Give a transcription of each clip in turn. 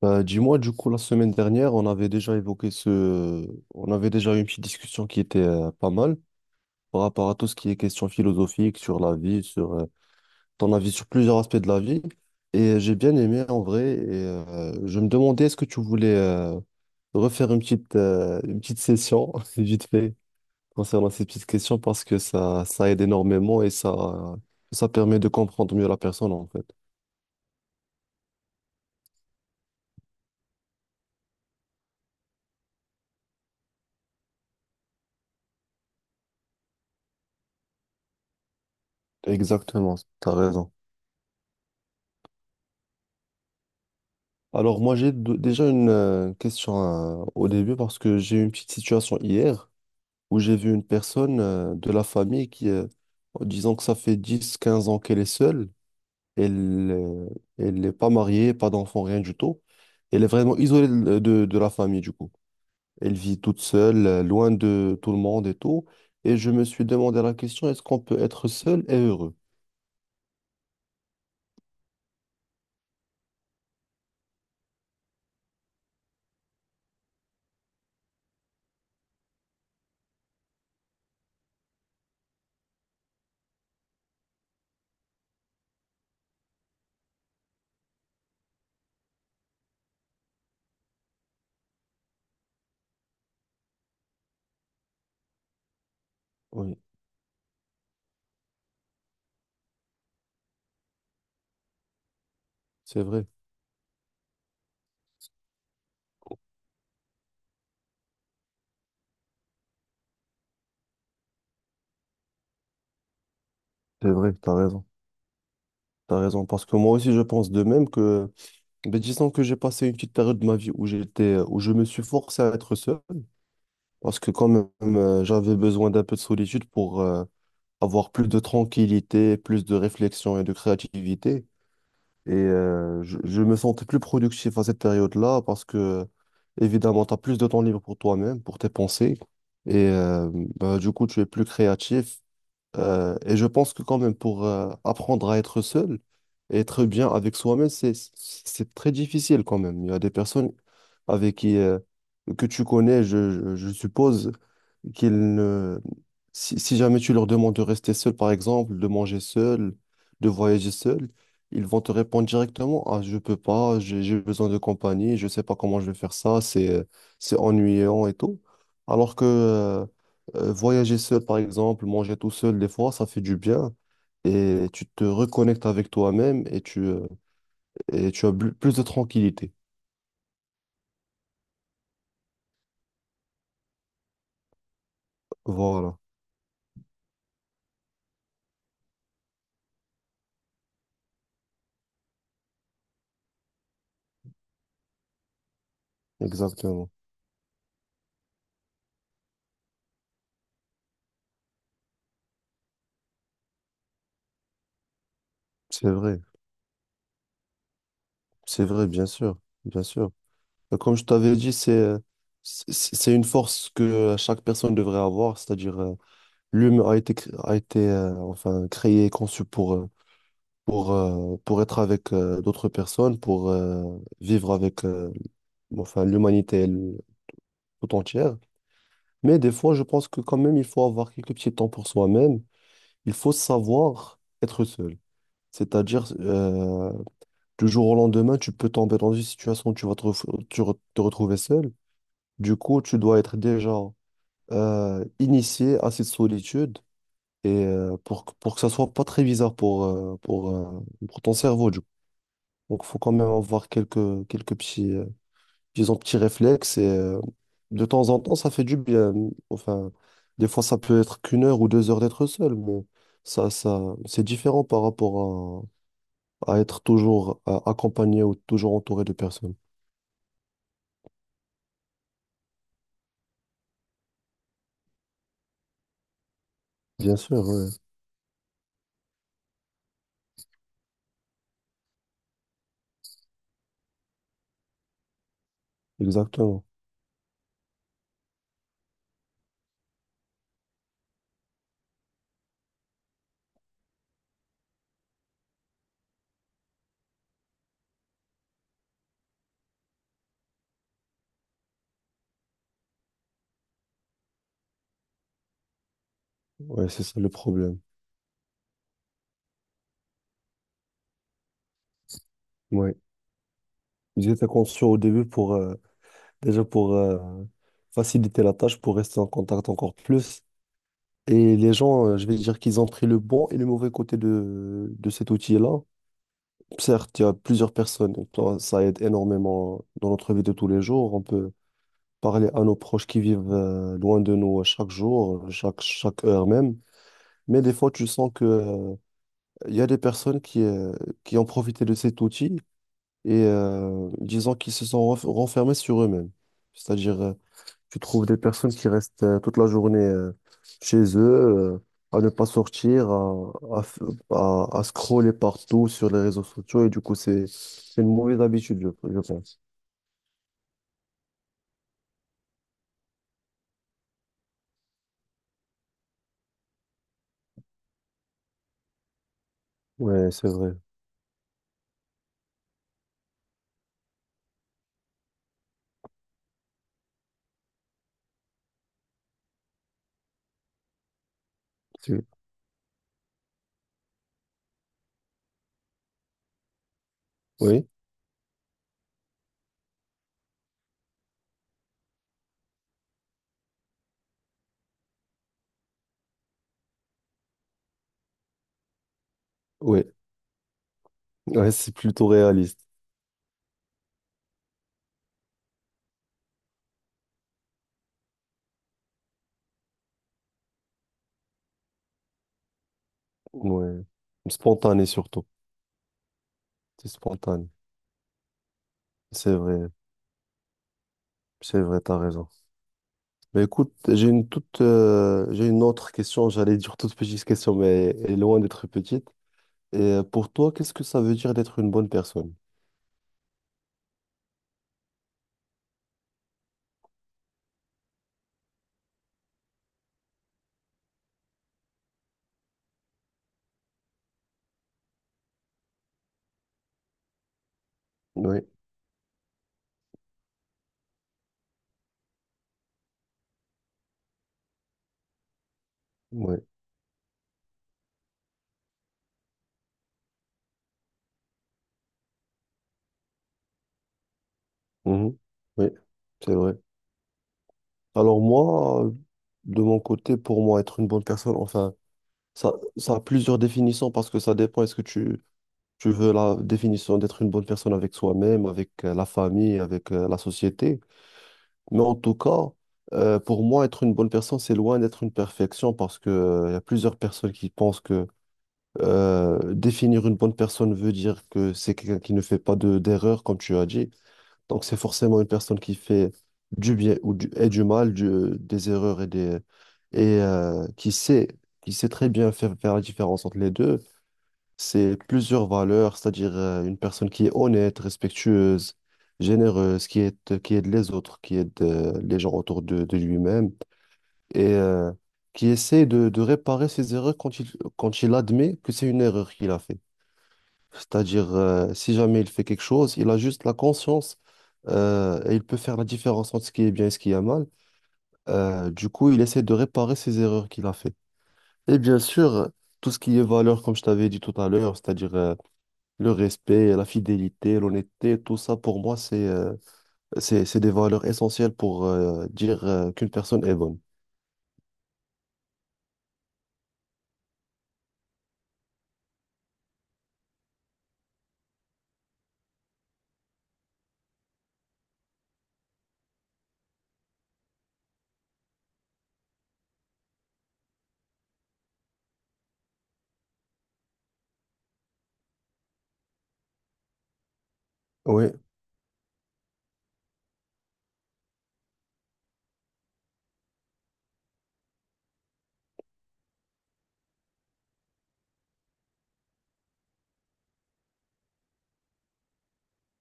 Bah, dis-moi, du coup, la semaine dernière, on avait déjà évoqué ce... On avait déjà eu une petite discussion qui était pas mal par rapport à tout ce qui est question philosophique sur la vie, sur ton avis sur plusieurs aspects de la vie. Et j'ai bien aimé en vrai. Et je me demandais, est-ce que tu voulais refaire une petite session, vite fait, concernant ces petites questions, parce que ça aide énormément et ça permet de comprendre mieux la personne, en fait. Exactement, t'as raison. Alors moi j'ai déjà une question au début parce que j'ai eu une petite situation hier où j'ai vu une personne de la famille qui, disons que ça fait dix quinze ans qu'elle est seule, elle elle n'est pas mariée, pas d'enfant, rien du tout. Elle est vraiment isolée de la famille du coup. Elle vit toute seule, loin de tout le monde et tout. Et je me suis demandé la question, est-ce qu'on peut être seul et heureux? Oui, c'est vrai. C'est vrai, t'as raison. T'as raison, parce que moi aussi je pense de même que ben, disons que j'ai passé une petite période de ma vie où j'étais, où je me suis forcé à être seul parce que quand même j'avais besoin d'un peu de solitude pour avoir plus de tranquillité, plus de réflexion et de créativité. Et je me sentais plus productif à cette période-là parce que évidemment tu as plus de temps libre pour toi-même, pour tes pensées. Et ben, du coup tu es plus créatif et je pense que quand même pour apprendre à être seul et être bien avec soi-même, c'est très difficile quand même. Il y a des personnes avec qui que tu connais, je suppose qu'ils ne si, si jamais tu leur demandes de rester seul, par exemple, de manger seul, de voyager seul, ils vont te répondre directement, ah, je peux pas, j'ai besoin de compagnie, je sais pas comment je vais faire ça, c'est ennuyant et tout. Alors que voyager seul, par exemple, manger tout seul, des fois, ça fait du bien. Et tu te reconnectes avec toi-même et tu as plus de tranquillité. Voilà, exactement. C'est vrai, c'est vrai, bien sûr, bien sûr. Comme je t'avais dit, c'est c'est une force que chaque personne devrait avoir, c'est-à-dire l'humain a été, a été enfin, créé et conçu pour, pour être avec d'autres personnes, pour vivre avec enfin, l'humanité elle, tout entière. Mais des fois, je pense que quand même, il faut avoir quelques petits temps pour soi-même. Il faut savoir être seul. C'est-à-dire, du jour au lendemain, tu peux tomber dans une situation où tu vas te, te retrouver seul. Du coup, tu dois être déjà initié à cette solitude et pour, pour que ça soit pas très bizarre pour ton cerveau. Du coup. Donc, il faut quand même avoir quelques petits, ils ont petit réflexe et de temps en temps, ça fait du bien. Enfin, des fois, ça peut être qu'une heure ou deux heures d'être seul, mais c'est différent par rapport à être toujours accompagné ou toujours entouré de personnes. Bien sûr, ouais, exactement. Ouais, c'est ça le problème. Ouais. Ils étaient conscients au début pour, déjà pour faciliter la tâche, pour rester en contact encore plus. Et les gens, je vais dire qu'ils ont pris le bon et le mauvais côté de cet outil-là. Certes, il y a plusieurs personnes, toi, ça aide énormément dans notre vie de tous les jours. On peut parler à nos proches qui vivent loin de nous chaque jour, chaque heure même. Mais des fois, tu sens que, il y a des personnes qui ont profité de cet outil et disons qu'ils se sont renfermés sur eux-mêmes. C'est-à-dire, tu trouves des personnes qui restent toute la journée chez eux, euh, à ne pas sortir, à scroller partout sur les réseaux sociaux. Et du coup, c'est une mauvaise habitude, je pense. Ouais, c'est vrai. Tu- Oui, oui. Ouais, c'est plutôt réaliste. Ouais. Spontané surtout. C'est spontané. C'est vrai. C'est vrai, t'as raison. Mais écoute, j'ai une toute, j'ai une autre question. J'allais dire toute petite question, mais elle est loin d'être petite. Et pour toi, qu'est-ce que ça veut dire d'être une bonne personne? Oui, oui, mhm, oui, c'est vrai. Alors moi, de mon côté, pour moi, être une bonne personne, enfin, ça a plusieurs définitions parce que ça dépend. Est-ce que tu veux la définition d'être une bonne personne avec soi-même, avec la famille, avec la société? Mais en tout cas, pour moi, être une bonne personne, c'est loin d'être une perfection parce que, il y a plusieurs personnes qui pensent que définir une bonne personne veut dire que c'est quelqu'un qui ne fait pas de, d'erreur, comme tu as dit. Donc, c'est forcément une personne qui fait du bien ou du, et du mal, des erreurs et des, et qui sait très bien faire la différence entre les deux. C'est plusieurs valeurs, c'est-à-dire une personne qui est honnête, respectueuse, généreuse, qui aide les autres, qui aide les gens autour de lui-même et qui essaie de réparer ses erreurs quand il admet que c'est une erreur qu'il a fait. C'est-à-dire, si jamais il fait quelque chose, il a juste la conscience et il peut faire la différence entre ce qui est bien et ce qui est mal. Du coup, il essaie de réparer ses erreurs qu'il a fait. Et bien sûr, tout ce qui est valeur, comme je t'avais dit tout à l'heure, c'est-à-dire le respect, la fidélité, l'honnêteté, tout ça, pour moi, c'est des valeurs essentielles pour dire qu'une personne est bonne. Oui,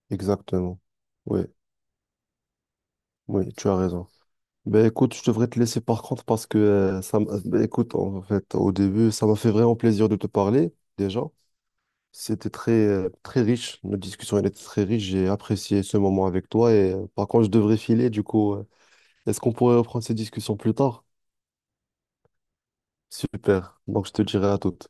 exactement. Oui, oui, tu as raison. Ben écoute, je devrais te laisser par contre parce que ben, écoute, en fait, au début, ça m'a fait vraiment plaisir de te parler déjà. C'était très, très riche, notre discussion elle était très riche, j'ai apprécié ce moment avec toi et par contre, je devrais filer du coup. Est-ce qu'on pourrait reprendre cette discussion plus tard? Super, donc je te dirai à toute.